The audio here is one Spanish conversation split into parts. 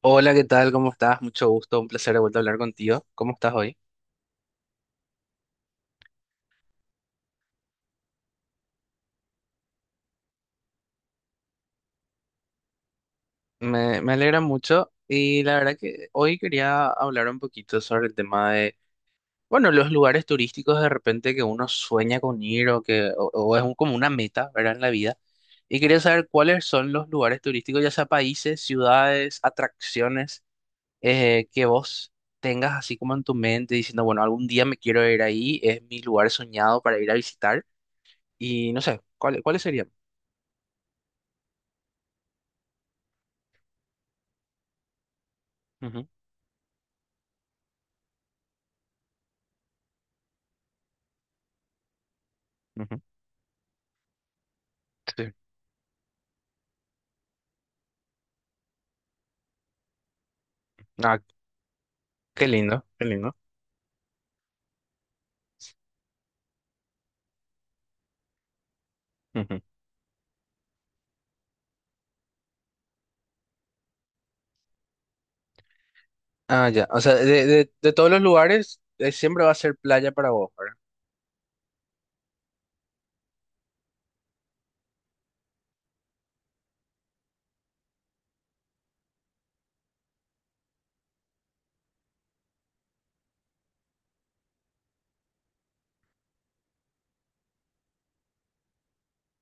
Hola, ¿qué tal? ¿Cómo estás? Mucho gusto, un placer de vuelta a hablar contigo. ¿Cómo estás hoy? Me alegra mucho y la verdad que hoy quería hablar un poquito sobre el tema de, bueno, los lugares turísticos de repente que uno sueña con ir o que o es como una meta, ¿verdad? En la vida. Y quería saber cuáles son los lugares turísticos, ya sea países, ciudades, atracciones, que vos tengas así como en tu mente diciendo, bueno, algún día me quiero ir ahí, es mi lugar soñado para ir a visitar y no sé, ¿ cuáles serían? Ujú. Sí. Ah, qué lindo, qué lindo. Ujú. Ah, ya. O sea, de, de todos los lugares, siempre va a ser playa para vos, ¿verdad?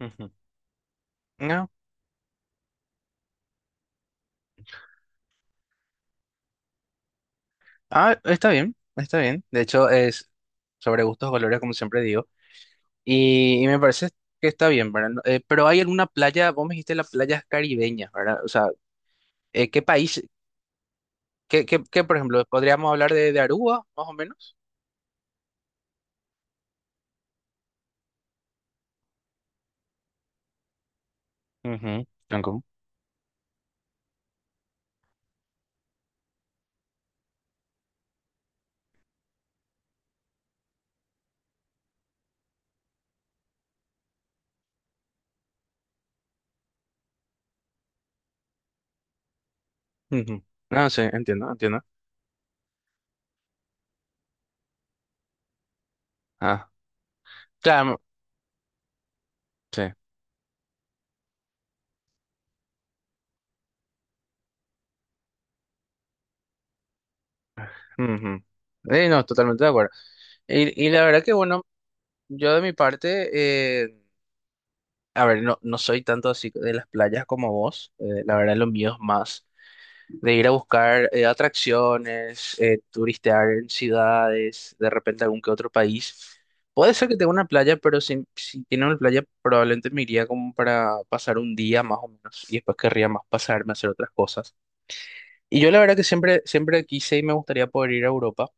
Ujú. No. Ah, está bien, está bien. De hecho, es sobre gustos, colores, como siempre digo. Y me parece que está bien, ¿verdad? Pero hay alguna playa, vos me dijiste las playas caribeñas, ¿verdad? O sea, ¿qué país? ¿Qué, qué, qué, por ejemplo? ¿Podríamos hablar de Aruba, más o menos? Ujú. Cancún. Ujú. No, sí, entiendo, entiendo. Ah, claro, sí. Ujú. No, totalmente de acuerdo. Y la verdad que, bueno, yo de mi parte, eh, a ver, no, no soy tanto así de las playas como vos. La verdad, lo mío es más de ir a buscar atracciones, turistear en ciudades, de repente algún que otro país. Puede ser que tenga una playa, pero si, si tiene una playa, probablemente me iría como para pasar un día más o menos y después querría más pasarme a hacer otras cosas. Y yo la verdad que siempre, siempre quise y me gustaría poder ir a Europa.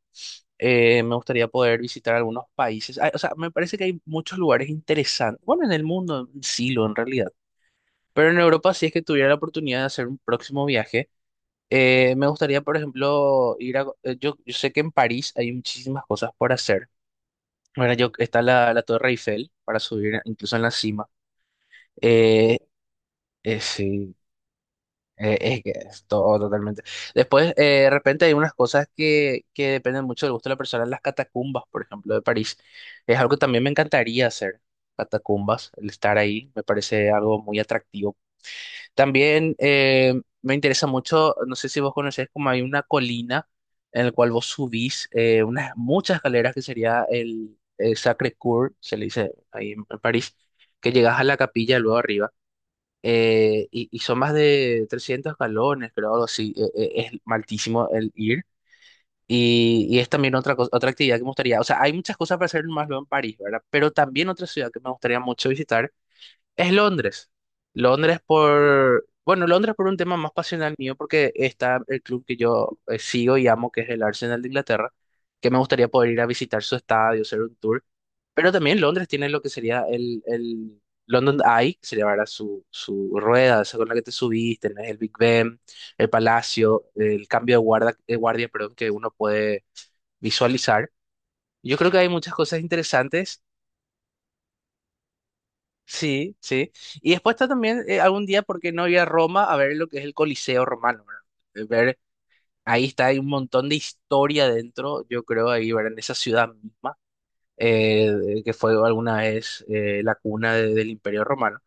Me gustaría poder visitar algunos países. Ah, o sea, me parece que hay muchos lugares interesantes. Bueno, en el mundo, en Silo, en realidad. Pero en Europa, si es que tuviera la oportunidad de hacer un próximo viaje, me gustaría, por ejemplo, ir a... yo sé que en París hay muchísimas cosas por hacer. Bueno, yo, está la, la Torre Eiffel para subir, incluso en la cima. Eh, sí. Es que es todo totalmente. Después, de repente hay unas cosas que dependen mucho del gusto de la persona. Las catacumbas, por ejemplo, de París. Es algo que también me encantaría hacer. Catacumbas, el estar ahí, me parece algo muy atractivo. También me interesa mucho, no sé si vos conocés, como hay una colina en la cual vos subís unas muchas escaleras que sería el Sacré-Cœur, se le dice ahí en París, que llegas a la capilla luego arriba y son más de 300 escalones, creo, algo así. Es maltísimo el ir. Y es también otra cosa, otra actividad que me gustaría. O sea, hay muchas cosas para hacer más luego en París, ¿verdad? Pero también otra ciudad que me gustaría mucho visitar es Londres. Londres por, bueno, Londres por un tema más pasional mío, porque está el club que yo sigo y amo, que es el Arsenal de Inglaterra, que me gustaría poder ir a visitar su estadio, hacer un tour. Pero también Londres tiene lo que sería el London Eye, que sería ahora su, su rueda, esa con la que te subiste, tenés el Big Ben, el Palacio, el cambio de de guardia, perdón, que uno puede visualizar. Yo creo que hay muchas cosas interesantes. Sí, sí. Y después está también algún día, porque no ir a Roma a ver lo que es el Coliseo romano, ¿verdad? Ver, ahí está, hay un montón de historia dentro, yo creo, ahí, ¿verdad? En esa ciudad misma, que fue alguna vez la cuna del Imperio Romano.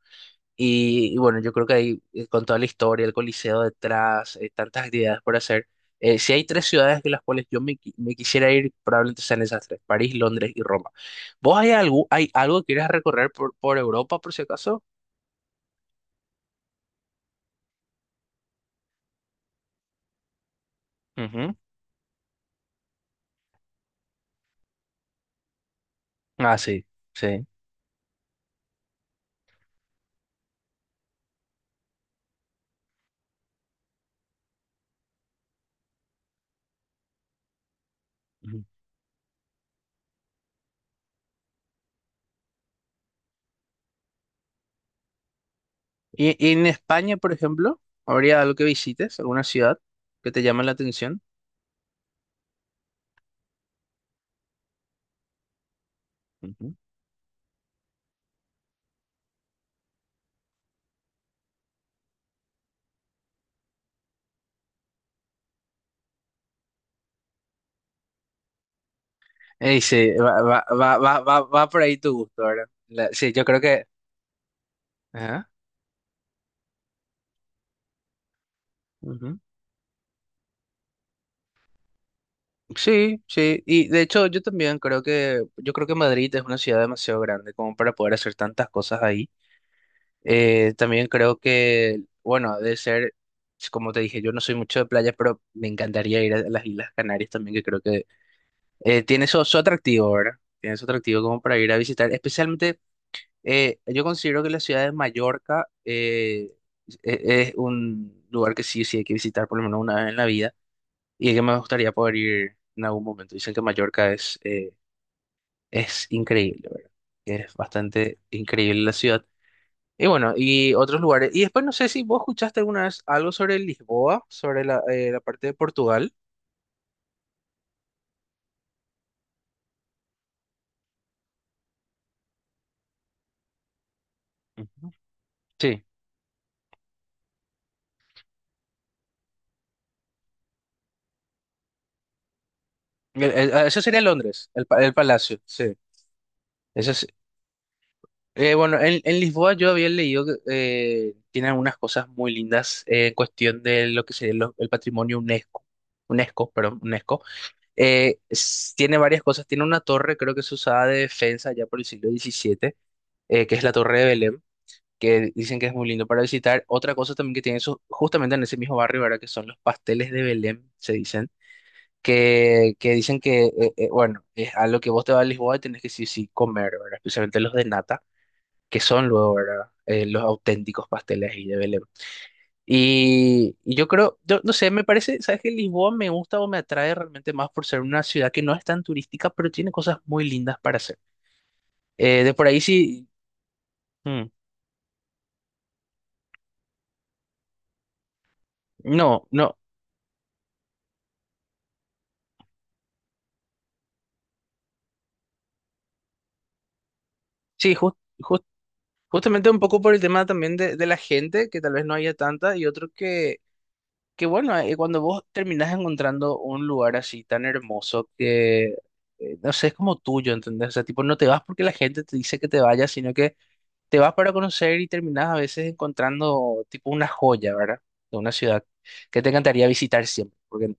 Y bueno, yo creo que ahí, con toda la historia, el Coliseo detrás, tantas actividades por hacer. Si hay tres ciudades en las cuales yo me quisiera ir, probablemente sean esas tres, París, Londres y Roma. ¿Vos hay algo que quieras recorrer por Europa, por si acaso? Ujú. Ah, sí, sí. Ujú. Y en España, por ejemplo, habría algo que visites, alguna ciudad que te llame la atención? Ujú. Sí, va, va, va, va, va, va por ahí tu gusto, ¿verdad? Sí, yo creo que... Ajá. Ujú. Sí, sí. Y de hecho, yo también creo que, yo creo que Madrid es una ciudad demasiado grande como para poder hacer tantas cosas ahí. También creo que, bueno, de ser, como te dije, yo no soy mucho de playa, pero me encantaría ir a las Islas Canarias también, que creo que tiene su, su atractivo, ¿verdad? Tiene su atractivo como para ir a visitar. Especialmente, yo considero que la ciudad de Mallorca es un lugar que sí, o sí hay que visitar por lo menos una vez en la vida y que me gustaría poder ir en algún momento. Dicen que Mallorca es increíble, ¿verdad? Que es bastante increíble la ciudad. Y bueno, y otros lugares. Y después no sé si vos escuchaste alguna vez algo sobre Lisboa, sobre la, la parte de Portugal. Ujú. Sí, ah, eso sería Londres, el palacio, sí. Bueno, en Lisboa yo había leído que tiene algunas cosas muy lindas en cuestión de lo que sería el patrimonio UNESCO. UNESCO, perdón, UNESCO. Tiene varias cosas. Tiene una torre, creo que se usaba de defensa ya por el siglo XVII, que es la Torre de Belém, que dicen que es muy lindo para visitar. Otra cosa también que tiene eso, justamente en ese mismo barrio, ¿verdad? Que son los pasteles de Belém, se dicen. Que dicen que, bueno, es a lo que vos te vas a Lisboa y tenés que sí o sí comer, ¿verdad? Especialmente los de nata que son luego, ¿verdad? Los auténticos pasteles ahí de Belém. Y yo creo, yo no sé, me parece, ¿sabes qué? Lisboa me gusta o me atrae realmente más por ser una ciudad que no es tan turística, pero tiene cosas muy lindas para hacer. De por ahí sí. mm, no, no, sí, jus- justamente un poco por el tema también de la gente, que tal vez no haya tanta, y otro que bueno, cuando vos terminás encontrando un lugar así tan hermoso que, no sé, es como tuyo, ¿entendés? O sea, tipo, no te vas porque la gente te dice que te vayas, sino que te vas para conocer y terminas a veces encontrando tipo una joya, ¿verdad? De una ciudad que te encantaría visitar siempre. Porque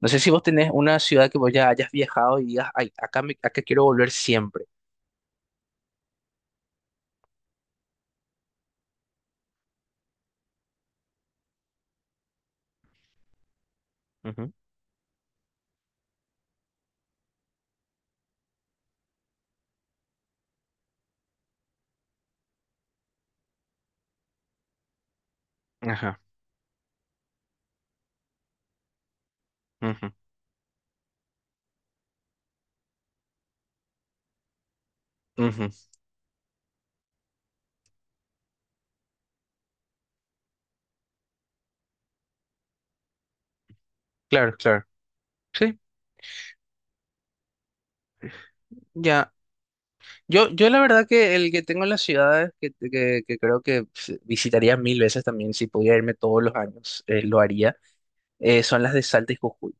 no sé si vos tenés una ciudad que vos ya hayas viajado y digas, ay, acá, acá quiero volver siempre. Ujú. Ajá. Ujú, ujú. Claro, claro. Sí, ya. Yo la verdad que el que tengo en las ciudades, que creo que pf, visitaría mil veces también, si pudiera irme todos los años, lo haría, son las de Salta y Jujuy.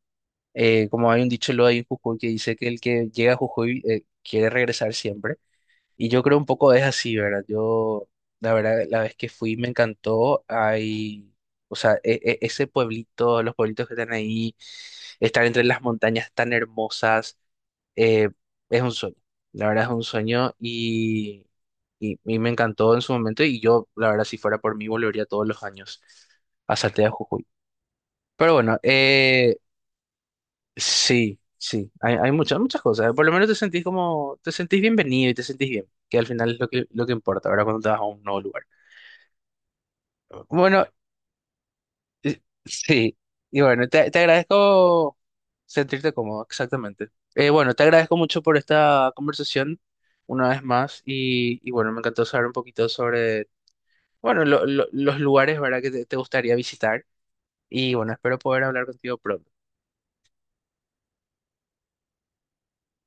Como hay un dicho lo hay en Jujuy que dice que el que llega a Jujuy quiere regresar siempre. Y yo creo un poco es así, ¿verdad? Yo, la verdad, la vez que fui me encantó. Hay, o sea, ese pueblito, los pueblitos que están ahí, estar entre las montañas tan hermosas, eh, es un sueño. La verdad es un sueño y me encantó en su momento. Y yo, la verdad, si fuera por mí, volvería todos los años a Saltea Jujuy. Pero bueno, sí, sí, hay muchas, muchas cosas. Por lo menos te sentís como, te sentís bienvenido y te sentís bien, que al final es lo que importa, ¿verdad? Cuando te vas a un nuevo lugar. Bueno, sí, y bueno, te agradezco sentirte cómodo, exactamente. Bueno, te agradezco mucho por esta conversación una vez más y bueno, me encantó saber un poquito sobre, bueno, los lugares, ¿verdad? Que te gustaría visitar y bueno, espero poder hablar contigo pronto.